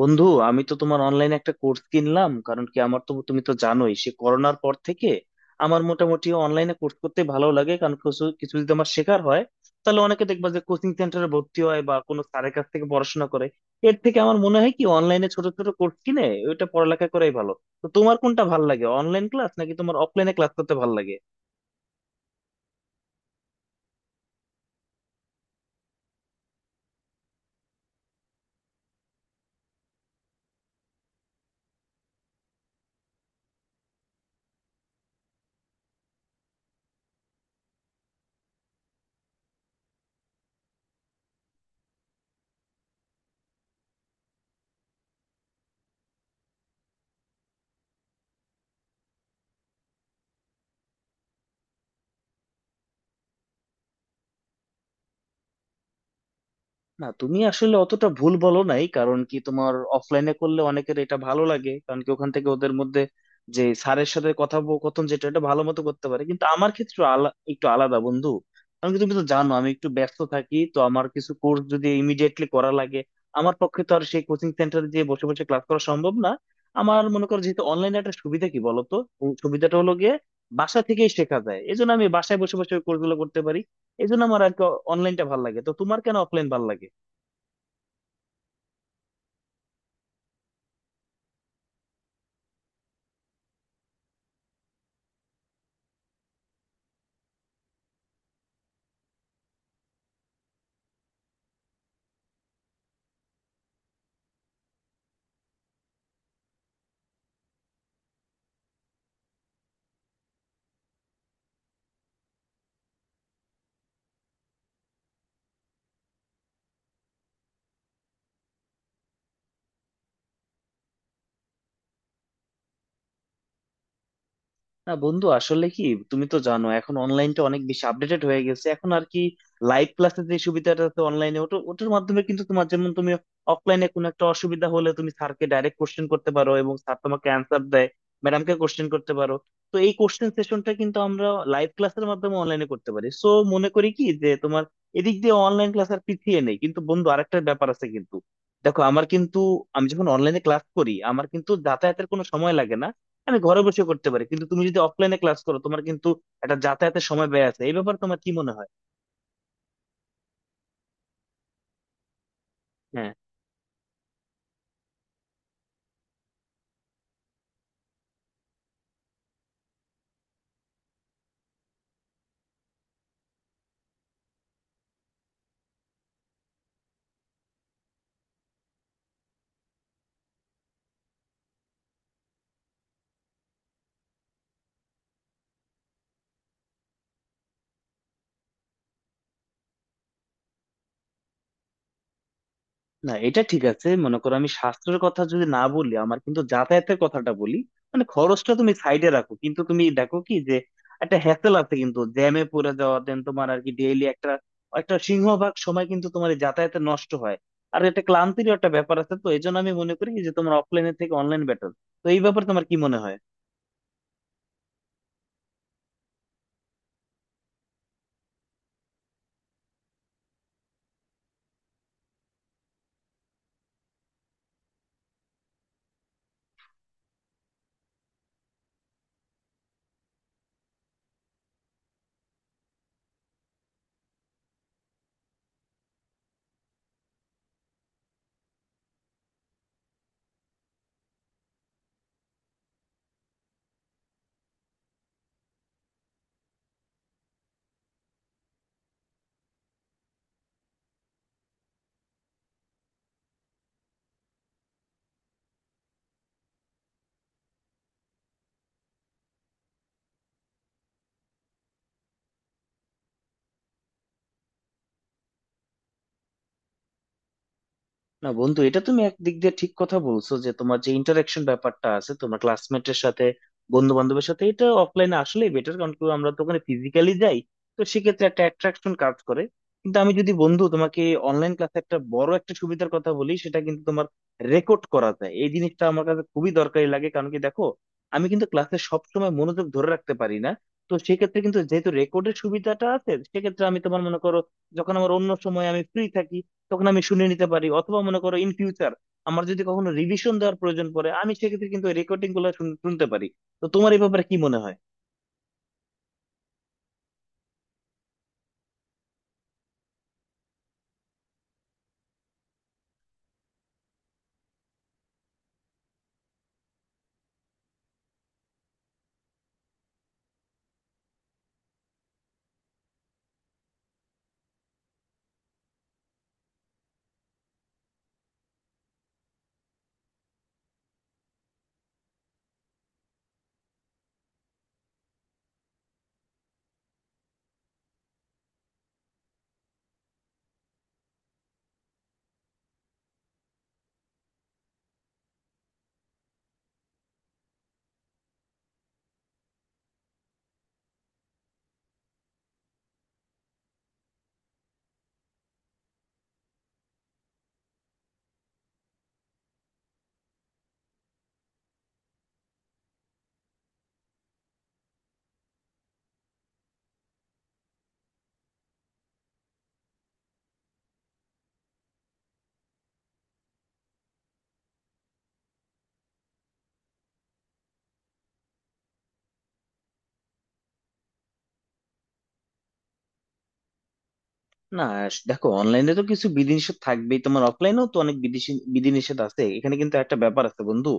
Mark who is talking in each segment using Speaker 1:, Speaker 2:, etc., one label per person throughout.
Speaker 1: বন্ধু, আমি তো তোমার অনলাইনে একটা কোর্স কিনলাম। কারণ কি, আমার তো, তুমি তো জানোই, সে করোনার পর থেকে আমার মোটামুটি অনলাইনে কোর্স করতে ভালো লাগে। কারণ কিছু কিছু যদি আমার শেখার হয়, তাহলে অনেকে দেখবা যে কোচিং সেন্টারে ভর্তি হয় বা কোনো স্যারের কাছ থেকে পড়াশোনা করে। এর থেকে আমার মনে হয় কি, অনলাইনে ছোট ছোট কোর্স কিনে ওইটা পড়ালেখা করাই ভালো। তো তোমার কোনটা ভালো লাগে, অনলাইন ক্লাস, নাকি তোমার অফলাইনে ক্লাস করতে ভালো লাগে? না, তুমি আসলে অতটা ভুল বলো নাই। কারণ কি, তোমার অফলাইনে করলে অনেকের এটা ভালো লাগে। কারণ কি, ওখান থেকে ওদের মধ্যে যে স্যারের সাথে কথোপকথন, যেটা এটা ভালো মতো করতে পারে। কিন্তু আমার ক্ষেত্রে একটু আলাদা, বন্ধু। কারণ কি, তুমি তো জানো আমি একটু ব্যস্ত থাকি। তো আমার কিছু কোর্স যদি ইমিডিয়েটলি করা লাগে, আমার পক্ষে তো আর সেই কোচিং সেন্টারে গিয়ে বসে বসে ক্লাস করা সম্ভব না। আমার মনে করো, যেহেতু অনলাইনে একটা সুবিধা কি বলতো, ও সুবিধাটা হলো গিয়ে বাসা থেকেই শেখা যায়। এই জন্য আমি বাসায় বসে বসে কোর্সগুলো করতে পারি। এই জন্য আমার আর কি অনলাইনটা ভালো লাগে। তো তোমার কেন অফলাইন ভালো লাগে? না বন্ধু, আসলে কি, তুমি তো জানো এখন অনলাইনটা অনেক বেশি আপডেটেড হয়ে গেছে। এখন আর কি, লাইভ ক্লাসের যে সুবিধাটা আছে অনলাইনে, ওটার মাধ্যমে কিন্তু তোমার, যেমন তুমি অফলাইনে কোনো একটা অসুবিধা হলে তুমি স্যারকে ডাইরেক্ট কোশ্চেন করতে পারো এবং স্যার তোমাকে অ্যান্সার দেয়, ম্যাডামকে কোশ্চেন করতে পারো। তো এই কোশ্চেন সেশনটা কিন্তু আমরা লাইভ ক্লাসের মাধ্যমে অনলাইনে করতে পারি। সো মনে করি কি যে তোমার এদিক দিয়ে অনলাইন ক্লাস আর পিছিয়ে নেই। কিন্তু বন্ধু, আরেকটা ব্যাপার আছে কিন্তু। দেখো, আমার কিন্তু, আমি যখন অনলাইনে ক্লাস করি আমার কিন্তু যাতায়াতের কোনো সময় লাগে না, আমি ঘরে বসে করতে পারি। কিন্তু তুমি যদি অফলাইনে ক্লাস করো, তোমার কিন্তু একটা যাতায়াতের সময় ব্যয় আছে। এই ব্যাপারে তোমার কি মনে হয়? হ্যাঁ। না, এটা ঠিক আছে। মনে করো, আমি স্বাস্থ্যের কথা যদি না বলি, আমার কিন্তু যাতায়াতের কথাটা বলি, মানে খরচটা তুমি সাইডে রাখো। কিন্তু তুমি দেখো কি যে একটা হ্যাসেল আছে কিন্তু, জ্যামে পড়ে যাওয়া, দেন তোমার আর কি ডেইলি একটা একটা সিংহভাগ সময় কিন্তু তোমার এই যাতায়াতে নষ্ট হয়। আর এটা ক্লান্তির একটা ব্যাপার আছে। তো এই জন্য আমি মনে করি যে তোমার অফলাইনের থেকে অনলাইন বেটার। তো এই ব্যাপারে তোমার কি মনে হয়? না বন্ধু, এটা তুমি একদিক দিয়ে ঠিক কথা বলছো যে তোমার যে ইন্টারাকশন ব্যাপারটা আছে তোমার ক্লাসমেটের সাথে, বন্ধু বান্ধবের সাথে, এটা অফলাইনে আসলেই বেটার। কারণ কি, আমরা তো ওখানে ফিজিক্যালি যাই, তো সেক্ষেত্রে একটা অ্যাট্রাকশন কাজ করে। কিন্তু আমি যদি বন্ধু তোমাকে অনলাইন ক্লাসে একটা বড় একটা সুবিধার কথা বলি, সেটা কিন্তু তোমার রেকর্ড করা যায়। এই জিনিসটা আমার কাছে খুবই দরকারি লাগে। কারণ কি, দেখো, আমি কিন্তু ক্লাসে সবসময় মনোযোগ ধরে রাখতে পারি না। তো সেক্ষেত্রে কিন্তু যেহেতু রেকর্ডের সুবিধাটা আছে, সেক্ষেত্রে আমি, তোমার মনে করো, যখন আমার অন্য সময় আমি ফ্রি থাকি তখন আমি শুনে নিতে পারি। অথবা মনে করো ইন ফিউচার আমার যদি কখনো রিভিশন দেওয়ার প্রয়োজন পড়ে, আমি সেক্ষেত্রে কিন্তু রেকর্ডিং গুলো শুনতে পারি। তো তোমার এই ব্যাপারে কি মনে হয়? না, দেখো, অনলাইনে তো কিছু বিধিনিষেধ থাকবেই, তোমার অফলাইনেও তো অনেক বিধিনিষেধ আছে। এখানে কিন্তু একটা ব্যাপার আছে বন্ধু।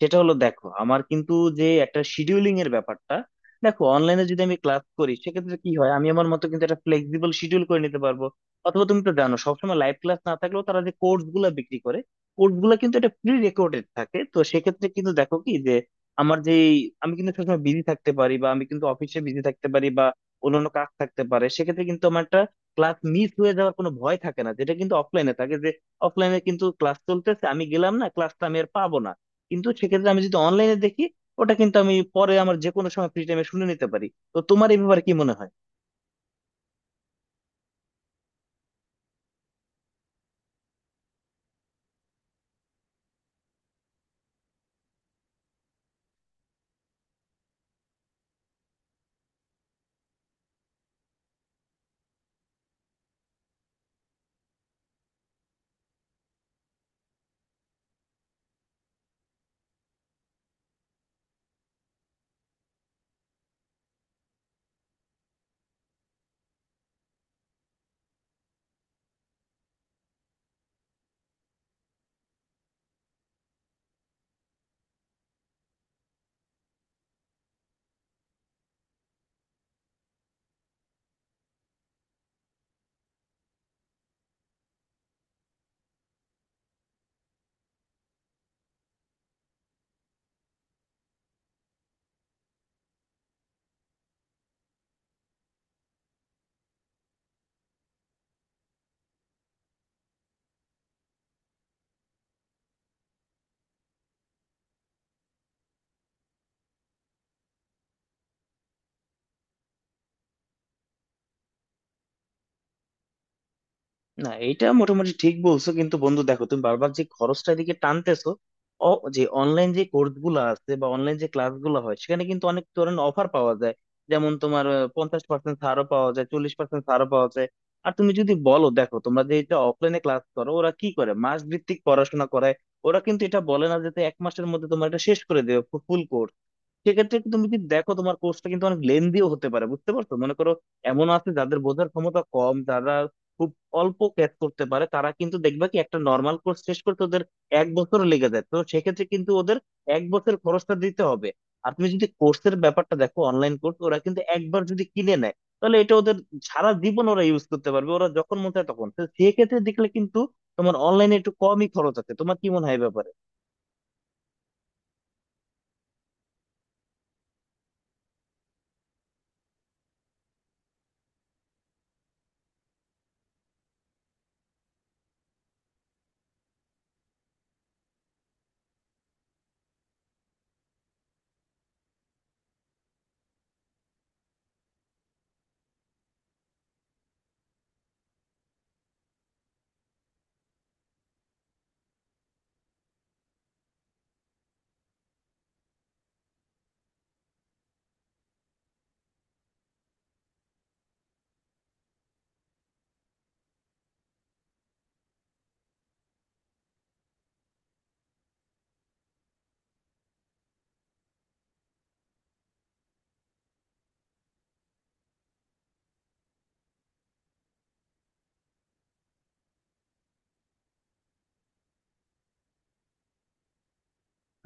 Speaker 1: সেটা হলো, দেখো, আমার কিন্তু যে একটা শিডিউলিং এর ব্যাপারটা, দেখো, অনলাইনে যদি আমি ক্লাস করি সেক্ষেত্রে কি হয়, আমি আমার মতো কিন্তু একটা ফ্লেক্সিবল শিডিউল করে নিতে পারবো। অথবা তুমি তো জানো, সবসময় লাইভ ক্লাস না থাকলেও, তারা যে কোর্স গুলা বিক্রি করে কোর্স গুলা কিন্তু এটা প্রি রেকর্ডেড থাকে। তো সেক্ষেত্রে কিন্তু দেখো কি যে আমার যে, আমি কিন্তু সবসময় বিজি থাকতে পারি বা আমি কিন্তু অফিসে বিজি থাকতে পারি বা অন্যান্য কাজ থাকতে পারে, সেক্ষেত্রে ক্লাস মিস হয়ে যাওয়ার কোনো ভয় থাকে না। যেটা কিন্তু অফলাইনে থাকে যে অফলাইনে কিন্তু ক্লাস চলতেছে, আমি গেলাম না, ক্লাসটা আমি আর পাবো না। কিন্তু সেক্ষেত্রে আমি যদি অনলাইনে দেখি, ওটা কিন্তু আমি পরে আমার যে কোনো সময় ফ্রি টাইমে শুনে নিতে পারি। তো তোমার এই ব্যাপারে কি মনে হয়? না, এটা মোটামুটি ঠিক বলছো। কিন্তু বন্ধু, দেখো, তুমি বারবার যে খরচটা এদিকে টানতেছো, ও, যে অনলাইন যে কোর্স গুলো আছে বা অনলাইন যে ক্লাস গুলো হয়, সেখানে কিন্তু অনেক ধরনের অফার পাওয়া যায়। যেমন তোমার 50% ছাড়ও পাওয়া যায়, 40% ছাড়ও পাওয়া যায়। আর তুমি যদি বলো, দেখো, তোমরা যে এটা অফলাইনে ক্লাস করো, ওরা কি করে, মাস ভিত্তিক পড়াশোনা করায়। ওরা কিন্তু এটা বলে না যে তুই এক মাসের মধ্যে তোমার এটা শেষ করে দেবে ফুল কোর্স। সেক্ষেত্রে একটু তুমি যদি দেখো, তোমার কোর্সটা কিন্তু অনেক লেন্দিও হতে পারে, বুঝতে পারছো? মনে করো, এমন আছে যাদের বোঝার ক্ষমতা কম, যারা খুব অল্প ক্যাচ করতে পারে, তারা কিন্তু দেখবা কি একটা নর্মাল কোর্স শেষ করতে ওদের 1 বছর লেগে যায়। তো সেক্ষেত্রে কিন্তু ওদের 1 বছর খরচটা দিতে হবে। আর তুমি যদি কোর্সের ব্যাপারটা দেখো, অনলাইন কোর্স ওরা কিন্তু একবার যদি কিনে নেয় তাহলে এটা ওদের সারা জীবন ওরা ইউজ করতে পারবে, ওরা যখন মন চায় তখন। তো সেক্ষেত্রে দেখলে কিন্তু তোমার অনলাইনে একটু কমই খরচ আছে। তোমার কি মনে হয় ব্যাপার?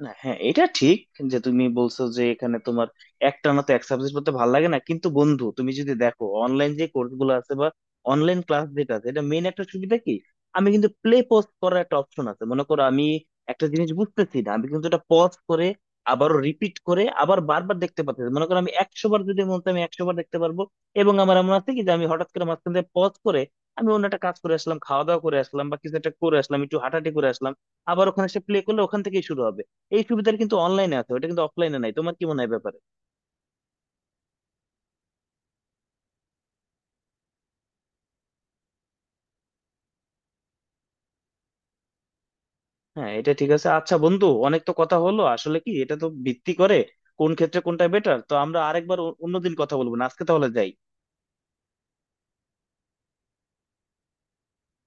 Speaker 1: না, হ্যাঁ, এটা ঠিক যে তুমি বলছো যে এখানে তোমার একটানা তো এক সাবজেক্ট পড়তে ভালো লাগে না। কিন্তু বন্ধু, তুমি যদি দেখো অনলাইন যে কোর্স গুলো আছে বা অনলাইন ক্লাস যেটা আছে, এটা মেন একটা সুবিধা কি, আমি কিন্তু প্লে পজ করার একটা অপশন আছে। মনে করো আমি একটা জিনিস বুঝতেছি না, আমি কিন্তু এটা পজ করে আবারও রিপিট করে আবার বারবার দেখতে পাচ্ছি। মনে করো আমি 100 বার যদি মন চাই আমি 100 বার দেখতে পারবো। এবং আমার এমন আছে কি যে আমি হঠাৎ করে মাঝখান থেকে পজ করে আমি অন্য একটা কাজ করে আসলাম, খাওয়া দাওয়া করে আসলাম, বা কিছু একটা করে আসলাম, একটু হাঁটাহাঁটি করে আসলাম, আবার ওখানে সে প্লে করলে ওখান থেকেই শুরু হবে। এই সুবিধাটা কিন্তু অনলাইনে আছে, ওটা কিন্তু অফলাইনে নাই। তোমার কি মনে হয় এ ব্যাপারে? হ্যাঁ, এটা ঠিক আছে। আচ্ছা বন্ধু, অনেক তো কথা হলো। আসলে কি, এটা তো ভিত্তি করে কোন ক্ষেত্রে কোনটা বেটার। তো আমরা আরেকবার অন্যদিন কথা বলবো। না, আজকে তাহলে যাই।